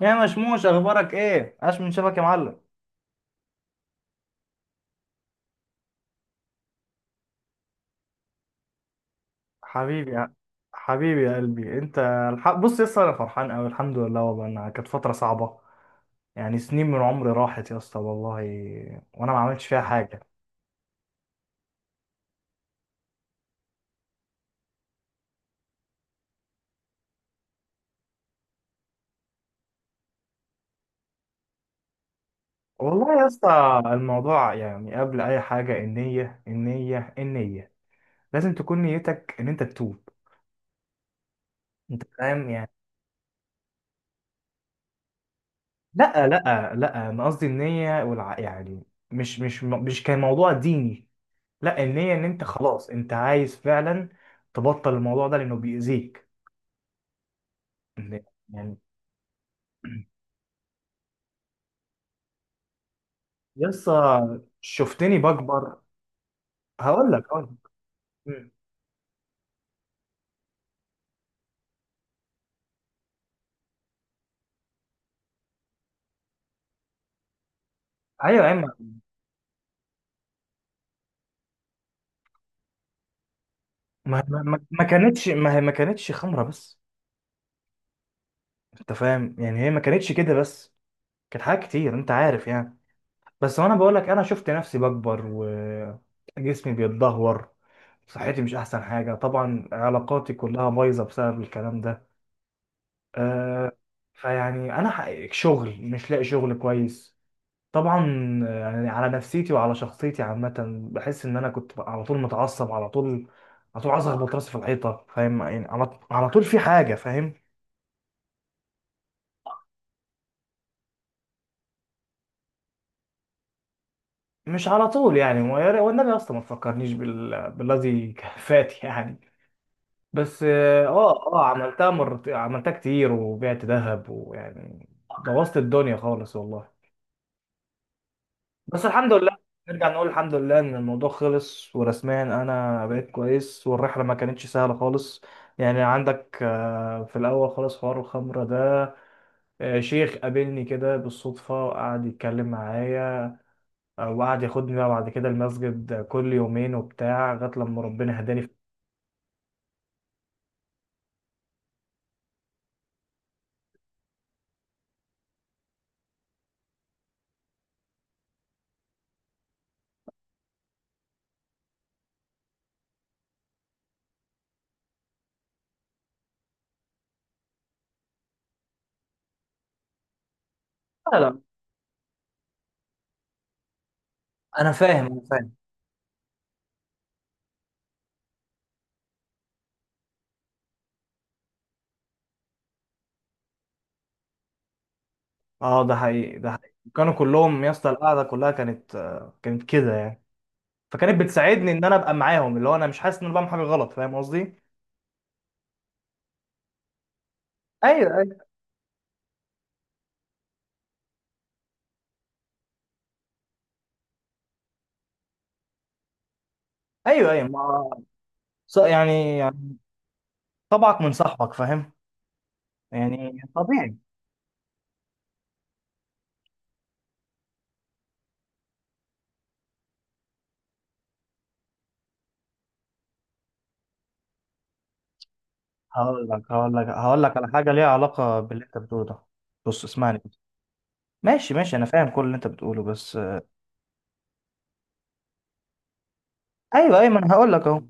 يا مشموش، اخبارك ايه؟ عاش من شافك يا معلم. حبيبي يا حبيبي يا قلبي انت. بص يا اسطى، انا فرحان قوي، الحمد لله، والله انها كانت فتره صعبه. يعني سنين من عمري راحت يا اسطى والله، وانا ما عملتش فيها حاجه. والله يا اسطى الموضوع، يعني قبل اي حاجه النيه، لازم تكون نيتك ان انت تتوب. انت فاهم يعني. لا لا لا، انا قصدي النيه، يعني مش كان موضوع ديني. لا، النية ان انت خلاص انت عايز فعلا تبطل الموضوع ده لانه بيأذيك. إن- يعني، يسا شفتني بكبر. هقول لك. مم. ايوه يا عم. ما هي ما كانتش خمره بس. انت فاهم يعني، هي ما كانتش كده بس، كانت حاجات كتير، انت عارف يعني. بس وانا بقول لك، انا شفت نفسي بكبر وجسمي بيتدهور، صحتي مش احسن حاجه طبعا، علاقاتي كلها بايظه بسبب الكلام ده. آه فيعني انا حقيقي شغل مش لاقي شغل كويس، طبعا. يعني على نفسيتي وعلى شخصيتي عامه، بحس ان انا كنت بقى على طول متعصب، على طول، على طول عايز اخبط راسي في الحيطه، فاهم يعني، على طول في حاجه، فاهم. مش على طول يعني، والنبي اصلا ما تفكرنيش بالذي فات يعني. بس عملتها كتير وبعت ذهب ويعني بوظت الدنيا خالص والله. بس الحمد لله، نرجع نقول الحمد لله ان الموضوع خلص ورسميا انا بقيت كويس، والرحله ما كانتش سهله خالص. يعني عندك، في الاول خالص حوار الخمره ده، شيخ قابلني كده بالصدفه وقعد يتكلم معايا، وقعد ياخدني بقى بعد كده المسجد كل يومين وبتاع لغايه لما ربنا هداني لا لا، انا فاهم انا فاهم. اه، ده حقيقي ده حقيقي، كانوا كلهم يا اسطى، القعده كلها كانت كده يعني. فكانت بتساعدني ان انا ابقى معاهم، اللي هو انا مش حاسس ان انا بعمل حاجه غلط، فاهم قصدي. ايوه ايوه ايوه، ما يعني طبعك من صاحبك، فاهم، يعني طبيعي. هقول لك على حاجه ليها علاقه باللي انت بتقوله ده. بص اسمعني بس. ماشي ماشي، انا فاهم كل اللي انت بتقوله، بس. ايوه ايوه، ما انا هقول لك اهو،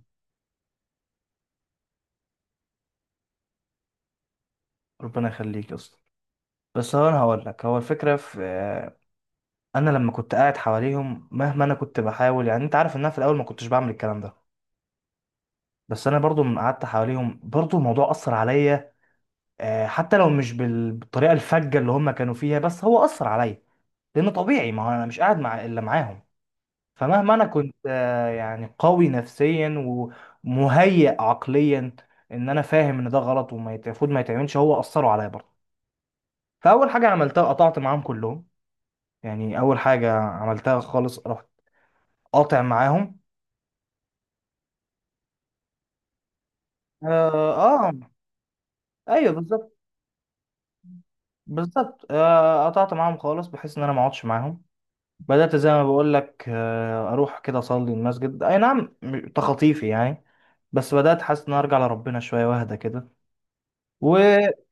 ربنا يخليك يا اسطى. بس هو، انا هقول لك، هو الفكره في انا لما كنت قاعد حواليهم، مهما انا كنت بحاول، يعني انت عارف ان انا في الاول ما كنتش بعمل الكلام ده. بس انا برضو لما قعدت حواليهم برضو الموضوع اثر عليا. حتى لو مش بالطريقه الفجه اللي هم كانوا فيها، بس هو اثر عليا. لان طبيعي، ما هو انا مش قاعد مع الا معاهم. فمهما انا كنت يعني قوي نفسيا ومهيئ عقليا، ان انا فاهم ان ده غلط، المفروض ما يتعملش، هو اثروا عليا برضه. فاول حاجه عملتها قطعت معاهم كلهم. يعني اول حاجه عملتها خالص، رحت قاطع معاهم. اه, آه. ايوه بالظبط. بالظبط، قطعت معاهم خالص بحيث ان انا ما اقعدش معاهم. بدات زي ما بقول لك، اروح كده اصلي المسجد، اي نعم، تخطيفي يعني، بس بدات حاسس ان أنا ارجع لربنا شويه واهدى كده. وبالظبط،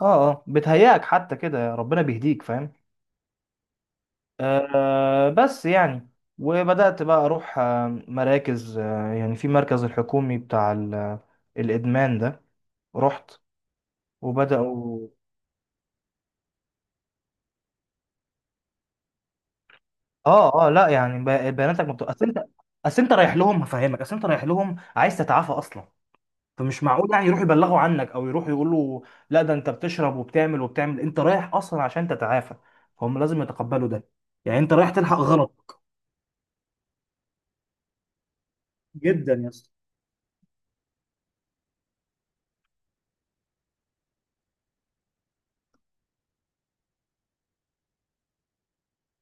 اه اه، بتهيأك حتى كده ربنا بيهديك، فاهم. بس يعني وبدأت بقى أروح مراكز، يعني في مركز الحكومي بتاع الإدمان ده، رحت وبدأوا. اه اه، لا يعني، بياناتك مكتوبة. أصل أنت، أصل أنت رايح لهم، هفهمك، أصل أنت رايح لهم عايز تتعافى أصلا، فمش معقول يعني يروحوا يبلغوا عنك أو يروحوا يقولوا لا، ده أنت بتشرب وبتعمل وبتعمل. أنت رايح أصلا عشان تتعافى، فهم لازم يتقبلوا ده، يعني أنت رايح تلحق غلط. جدا يا اسطى.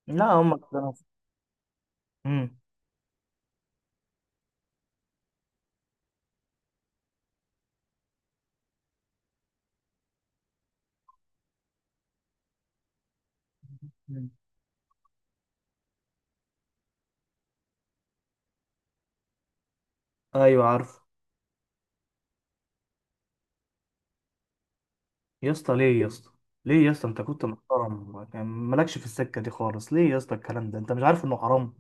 لا هم كانوا. امم. مم. ايوه عارف. يا اسطى ليه يا اسطى؟ ليه يا اسطى؟ انت كنت محترم، كان مالكش في السكه دي خالص، ليه يا اسطى الكلام ده؟ انت مش عارف انه حرام؟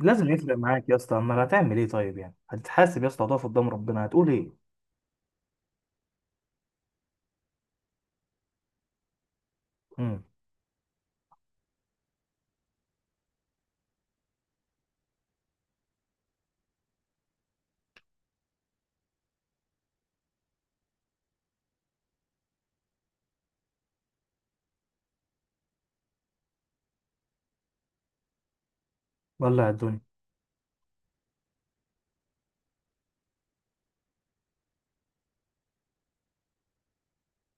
لازم يفرق معاك يا اسطى، اما هتعمل ايه؟ طيب يعني، هتتحاسب يا اسطى، هتقف قدام ربنا هتقول ايه؟ امم. ولا الدنيا.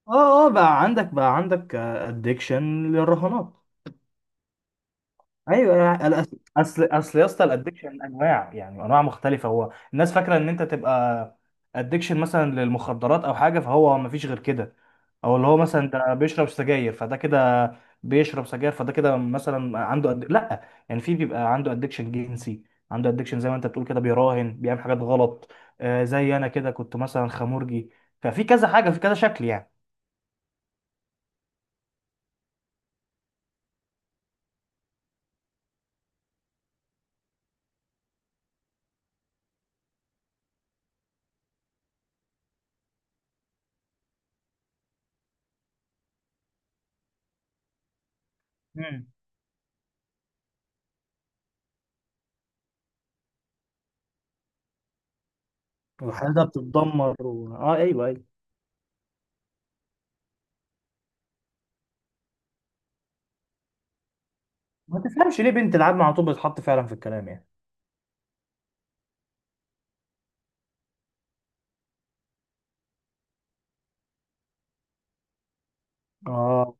اه اه، بقى عندك ادكشن للرهانات. ايوه، اصل يا اسطى، الادكشن انواع، يعني انواع مختلفه. هو الناس فاكره ان انت تبقى ادكشن مثلا للمخدرات او حاجه، فهو ما فيش غير كده، او اللي هو مثلا ده بيشرب سجاير فده كده، بيشرب سجاير فده كده مثلا عنده لا، يعني في بيبقى عنده ادكشن جنسي، عنده ادكشن زي ما انت بتقول كده، بيراهن، بيعمل حاجات غلط. زي انا كده، كنت مثلا خمورجي، ففي كذا حاجه، في كذا شكل يعني. مم. وحاجه بتتدمر اه، ايوه ايوه. ما تفهمش ليه بنت العم على طول بتتحط فعلا في الكلام، يعني. اه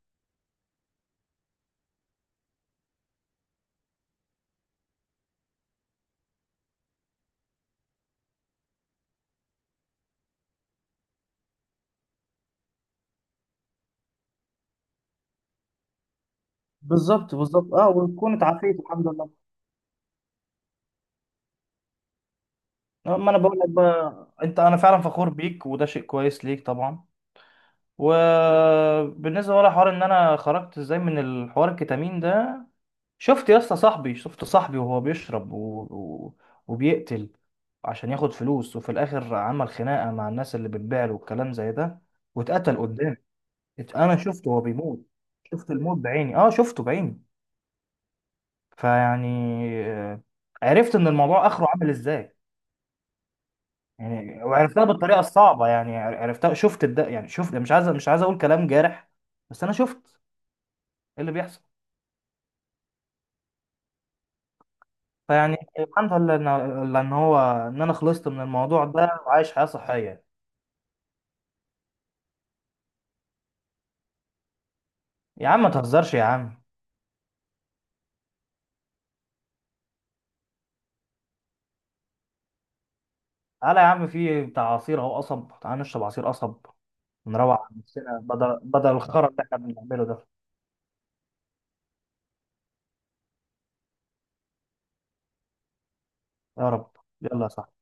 بالظبط بالظبط، اه، وتكون اتعافيت الحمد لله. ما انا بقول لك بقى، انت انا فعلا فخور بيك، وده شيء كويس ليك طبعا. وبالنسبه بقى لحوار ان انا خرجت ازاي من الحوار الكتامين ده، شفت يا اسطى صاحبي، شفت صاحبي وهو بيشرب و... وبيقتل عشان ياخد فلوس، وفي الاخر عمل خناقه مع الناس اللي بتبيع له والكلام زي ده، واتقتل قدامي. انا شفته وهو بيموت، شفت الموت بعيني، شفته بعيني. فيعني، آه، عرفت ان الموضوع اخره عامل ازاي. يعني وعرفتها بالطريقه الصعبه، يعني عرفتها، شفت يعني شفت، مش عايز اقول كلام جارح، بس انا شفت ايه اللي بيحصل. فيعني الحمد لله ان انا خلصت من الموضوع ده وعايش حياه صحيه. يا عم ما تهزرش يا عم. تعالى يا عم، في بتاع عصير اهو قصب، تعالى نشرب عصير قصب، نروق عن نفسنا بدل الخرا اللي احنا بنعمله ده. يا رب. يلا يا صاحبي.